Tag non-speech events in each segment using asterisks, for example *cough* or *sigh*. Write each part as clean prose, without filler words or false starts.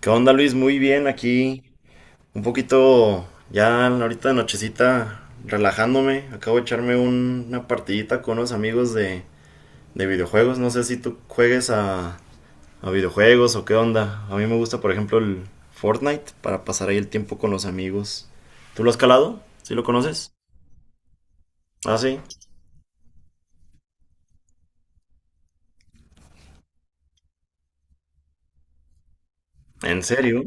¿Qué onda, Luis? Muy bien aquí. Un poquito ya ahorita de nochecita relajándome. Acabo de echarme una partidita con unos amigos de videojuegos. No sé si tú juegues a videojuegos o qué onda. A mí me gusta, por ejemplo, el Fortnite para pasar ahí el tiempo con los amigos. ¿Tú lo has calado? ¿Sí lo conoces? Ah, sí. ¿En serio?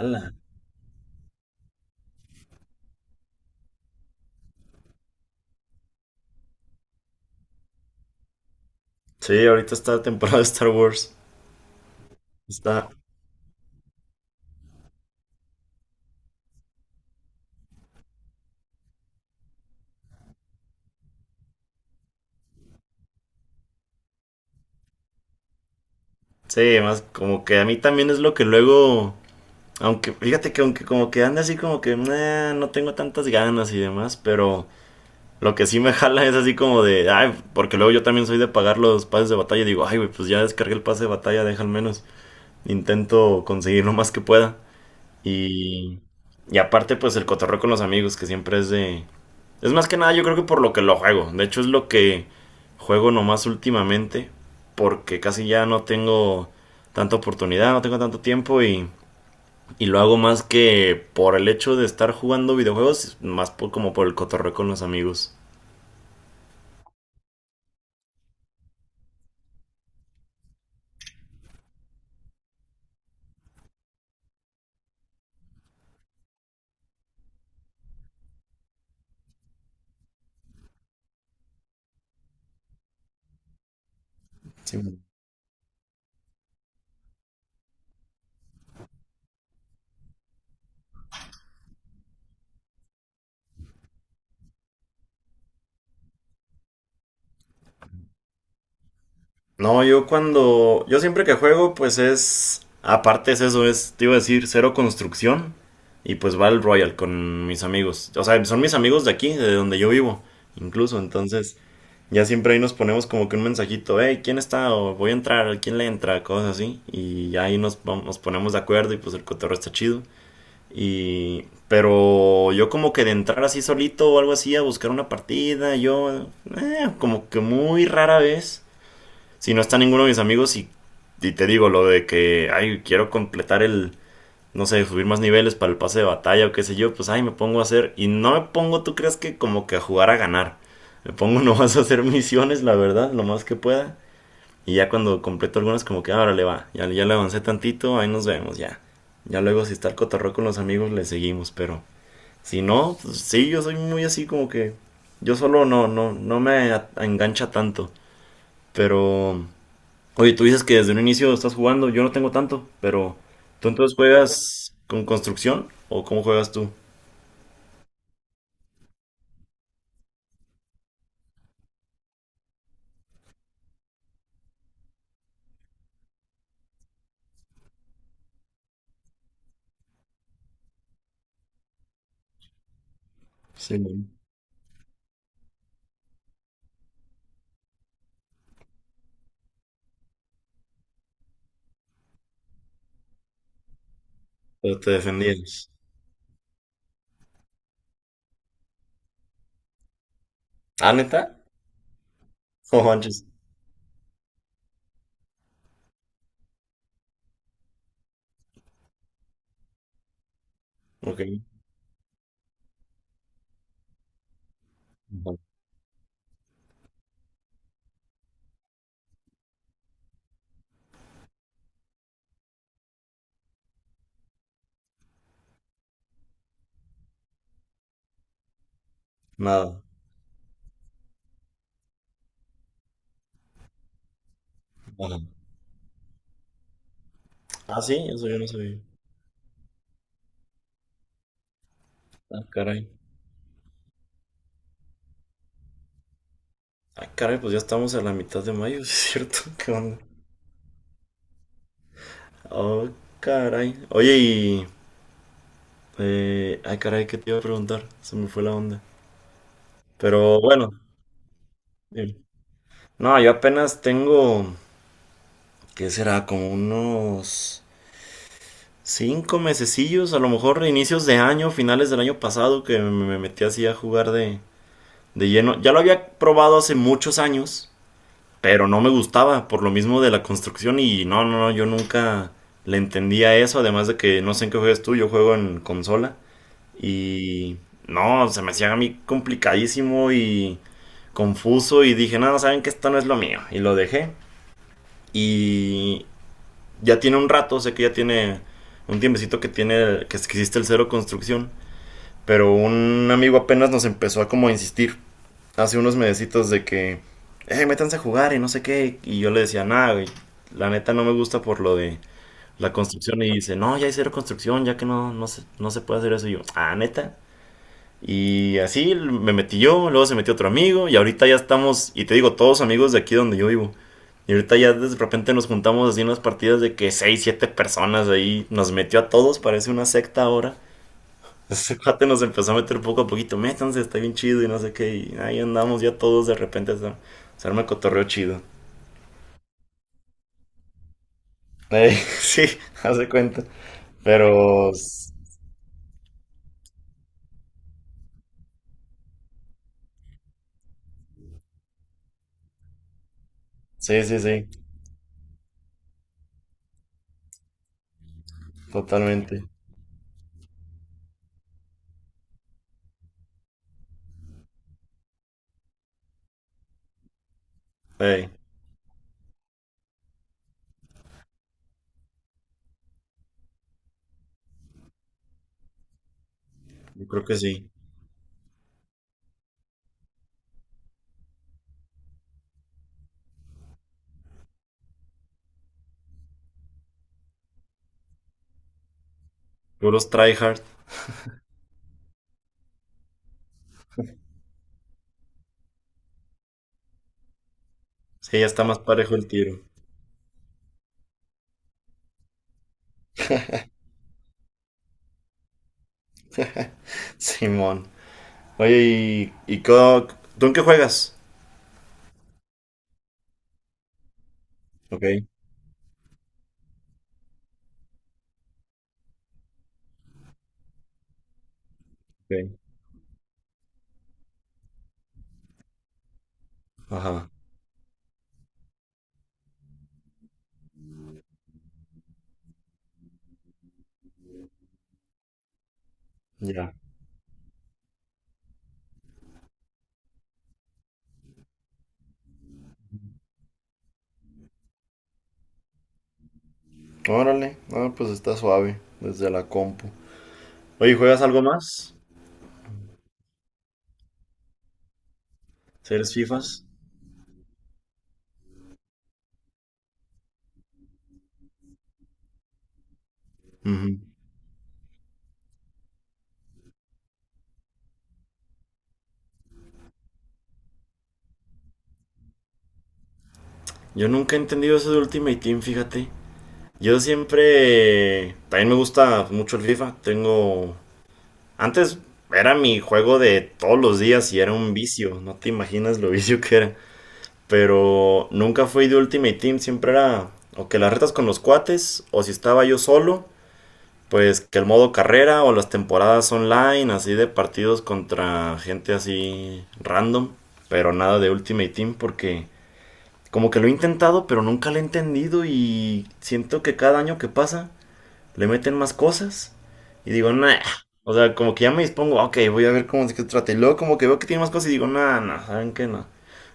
Ala. Sí, ahorita está la temporada de Star Wars. Está. Sí, más como que a mí también es lo que luego. Aunque, fíjate que aunque como que anda así como que "Nah, no tengo tantas ganas y demás", pero lo que sí me *laughs* jala es así como de, ay, porque luego yo también soy de pagar los pases de batalla. Digo, ay, güey, pues ya descargué el pase de batalla, deja al menos. Intento conseguir lo más que pueda. Y, y aparte, pues el cotorreo con los amigos, que siempre es de... Es más que nada, yo creo que por lo que lo juego. De hecho, es lo que juego nomás últimamente, porque casi ya no tengo tanta oportunidad, no tengo tanto tiempo y... Y lo hago más que por el hecho de estar jugando videojuegos, más por, como por el cotorreo con los amigos. Sí, bueno. No, yo cuando. Yo siempre que juego, pues es. Aparte es eso, es, te iba a decir, cero construcción. Y pues va el Royal con mis amigos. O sea, son mis amigos de aquí, de donde yo vivo. Incluso, entonces. Ya siempre ahí nos ponemos como que un mensajito, hey, ¿quién está? O voy a entrar, ¿quién le entra? Cosas así. Y ya ahí nos, nos ponemos de acuerdo y pues el cotorreo está chido. Y, pero yo como que de entrar así solito o algo así a buscar una partida, yo como que muy rara vez, si no está ninguno de mis amigos y te digo lo de que, ay, quiero completar el, no sé, subir más niveles para el pase de batalla o qué sé yo, pues ay, me pongo a hacer y no me pongo, tú crees que como que a jugar a ganar, me pongo *laughs* nomás a hacer misiones, la verdad, lo más que pueda. Y ya cuando completo algunos, como que ahora le va. Ya, ya le avancé tantito, ahí nos vemos, ya. Ya luego, si está el cotorreo con los amigos, le seguimos. Pero si no, pues, sí, yo soy muy así como que. Yo solo no, no, no me engancha tanto. Pero. Oye, tú dices que desde un inicio estás jugando. Yo no tengo tanto, pero. ¿Tú entonces juegas con construcción? ¿O cómo juegas tú? Sí, bueno. Pero te defendías. ¿Ah, neta? *laughs* No manches. Ok. Ajá. Nada. Ajá. Ah, sí, eso yo no sabía. Ah, caray. Ah, caray, pues ya estamos a la mitad de mayo, *laughs* ¿es cierto? ¿Qué onda? Oh, caray. Oye, y... ay, caray, ¿qué te iba a preguntar? Se me fue la onda. Pero bueno, dime. No, yo apenas tengo, ¿qué será? Como unos cinco mesecillos, a lo mejor inicios de año, finales del año pasado, que me metí así a jugar de lleno. Ya lo había probado hace muchos años, pero no me gustaba por lo mismo de la construcción y no, no, no, yo nunca le entendía eso, además de que no sé en qué juegas tú, yo juego en consola y no, se me hacía a mí complicadísimo y confuso y dije, no, saben que esto no es lo mío y lo dejé y ya tiene un rato, sé que ya tiene un tiempecito que tiene que existe el cero construcción, pero un amigo apenas nos empezó a como insistir hace unos mesecitos de que, métanse a jugar y no sé qué. Y yo le decía, nada, güey, la neta no me gusta por lo de la construcción. Y dice, no, ya hay cero construcción, ya que no, no se puede hacer eso. Y yo, ah, neta. Y así me metí yo, luego se metió otro amigo y ahorita ya estamos, y te digo, todos amigos de aquí donde yo vivo. Y ahorita ya de repente nos juntamos así en unas partidas de que 6 7 personas ahí, nos metió a todos, parece una secta ahora. Ese cuate nos empezó a meter poco a poquito, métanse, está bien chido y no sé qué. Y ahí andamos ya todos de repente, a se arma el cotorreo chido. Ey, *laughs* sí, hace cuenta. Pero sí, sí, sí, totalmente. Ey, yo creo que sí. Puros tryhard. Sí, ya está más parejo el tiro. *laughs* Simón. Oye, ¿ tú en qué juegas? Ok, ok. Ajá, ya. Órale, ah, pues está suave desde la compu. Oye, ¿juegas algo más? ¿Eres FIFAs? Yo nunca he entendido eso de Ultimate Team, fíjate. Yo siempre... También me gusta mucho el FIFA. Tengo... Antes era mi juego de todos los días y era un vicio. No te imaginas lo *laughs* vicio que era. Pero nunca fui de Ultimate Team. Siempre era o que las retas con los cuates o si estaba yo solo. Pues que el modo carrera o las temporadas online, así de partidos contra gente así random. Pero nada de Ultimate Team porque como que lo he intentado, pero nunca lo he entendido y siento que cada año que pasa le meten más cosas y digo, nah. O sea, como que ya me dispongo, "Ah, ok, voy a ver cómo se trata". Y luego como que veo que tiene más cosas y digo, nah, nah, ¿saben qué? No.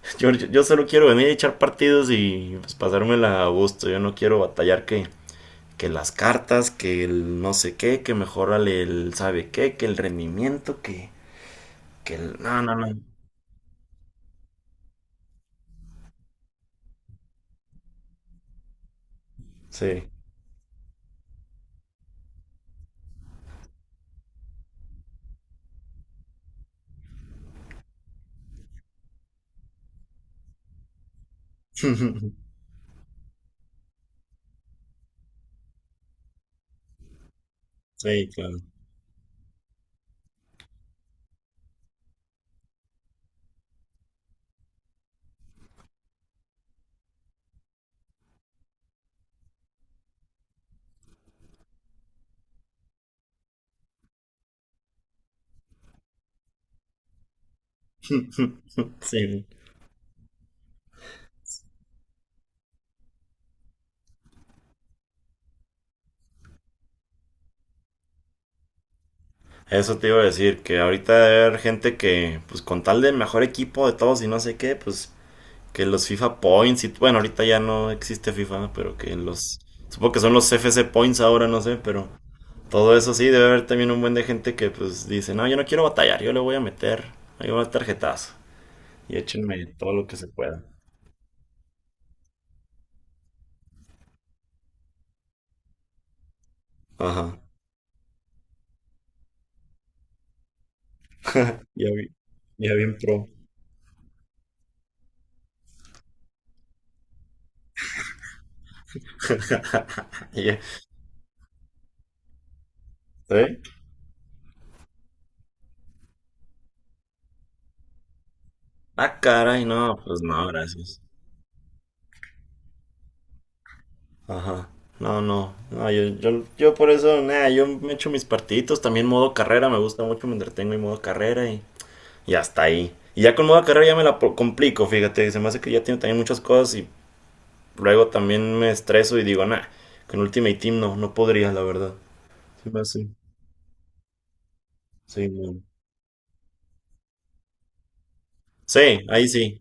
*laughs* Yo solo quiero venir a echar partidos y pues, pasármela a gusto. Yo no quiero batallar que las cartas, que el no sé qué, que mejorale el sabe qué, que el rendimiento, que el... No, no, no. Sí. *laughs* Sí, claro. *laughs* Sí. Eso te iba a decir, que ahorita debe haber gente que, pues con tal de mejor equipo de todos y no sé qué, pues que los FIFA Points y bueno, ahorita ya no existe FIFA, ¿no? Pero que los, supongo que son los FC Points ahora, no sé, pero todo eso sí, debe haber también un buen de gente que pues dice, no, yo no quiero batallar, yo le voy a meter, ahí va el tarjetazo y échenme todo lo que se pueda. Ajá. Ya vi- ya bien pro. *laughs* Ya- ¿Sí? Ah, caray, no, pues no, gracias. Ajá. No, no. No, yo por eso, nada, yo me echo mis partiditos. También modo carrera, me gusta mucho, me entretengo en modo carrera y hasta ahí. Y ya con modo carrera ya me la complico, fíjate. Se me hace que ya tengo también muchas cosas y luego también me estreso y digo, nah, con Ultimate Team no, no podría, la verdad. Sí, me hace- Sí, no. Sí, ahí sí.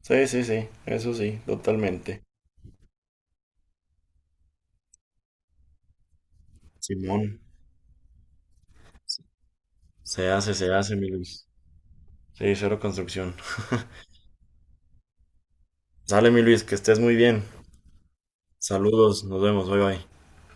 Sí, sí, sí. Eso sí, totalmente. Simón. Se hace, mi Luis. Sí, cero construcción. Sale, mi Luis, que estés muy bien. Saludos, nos vemos, bye bye.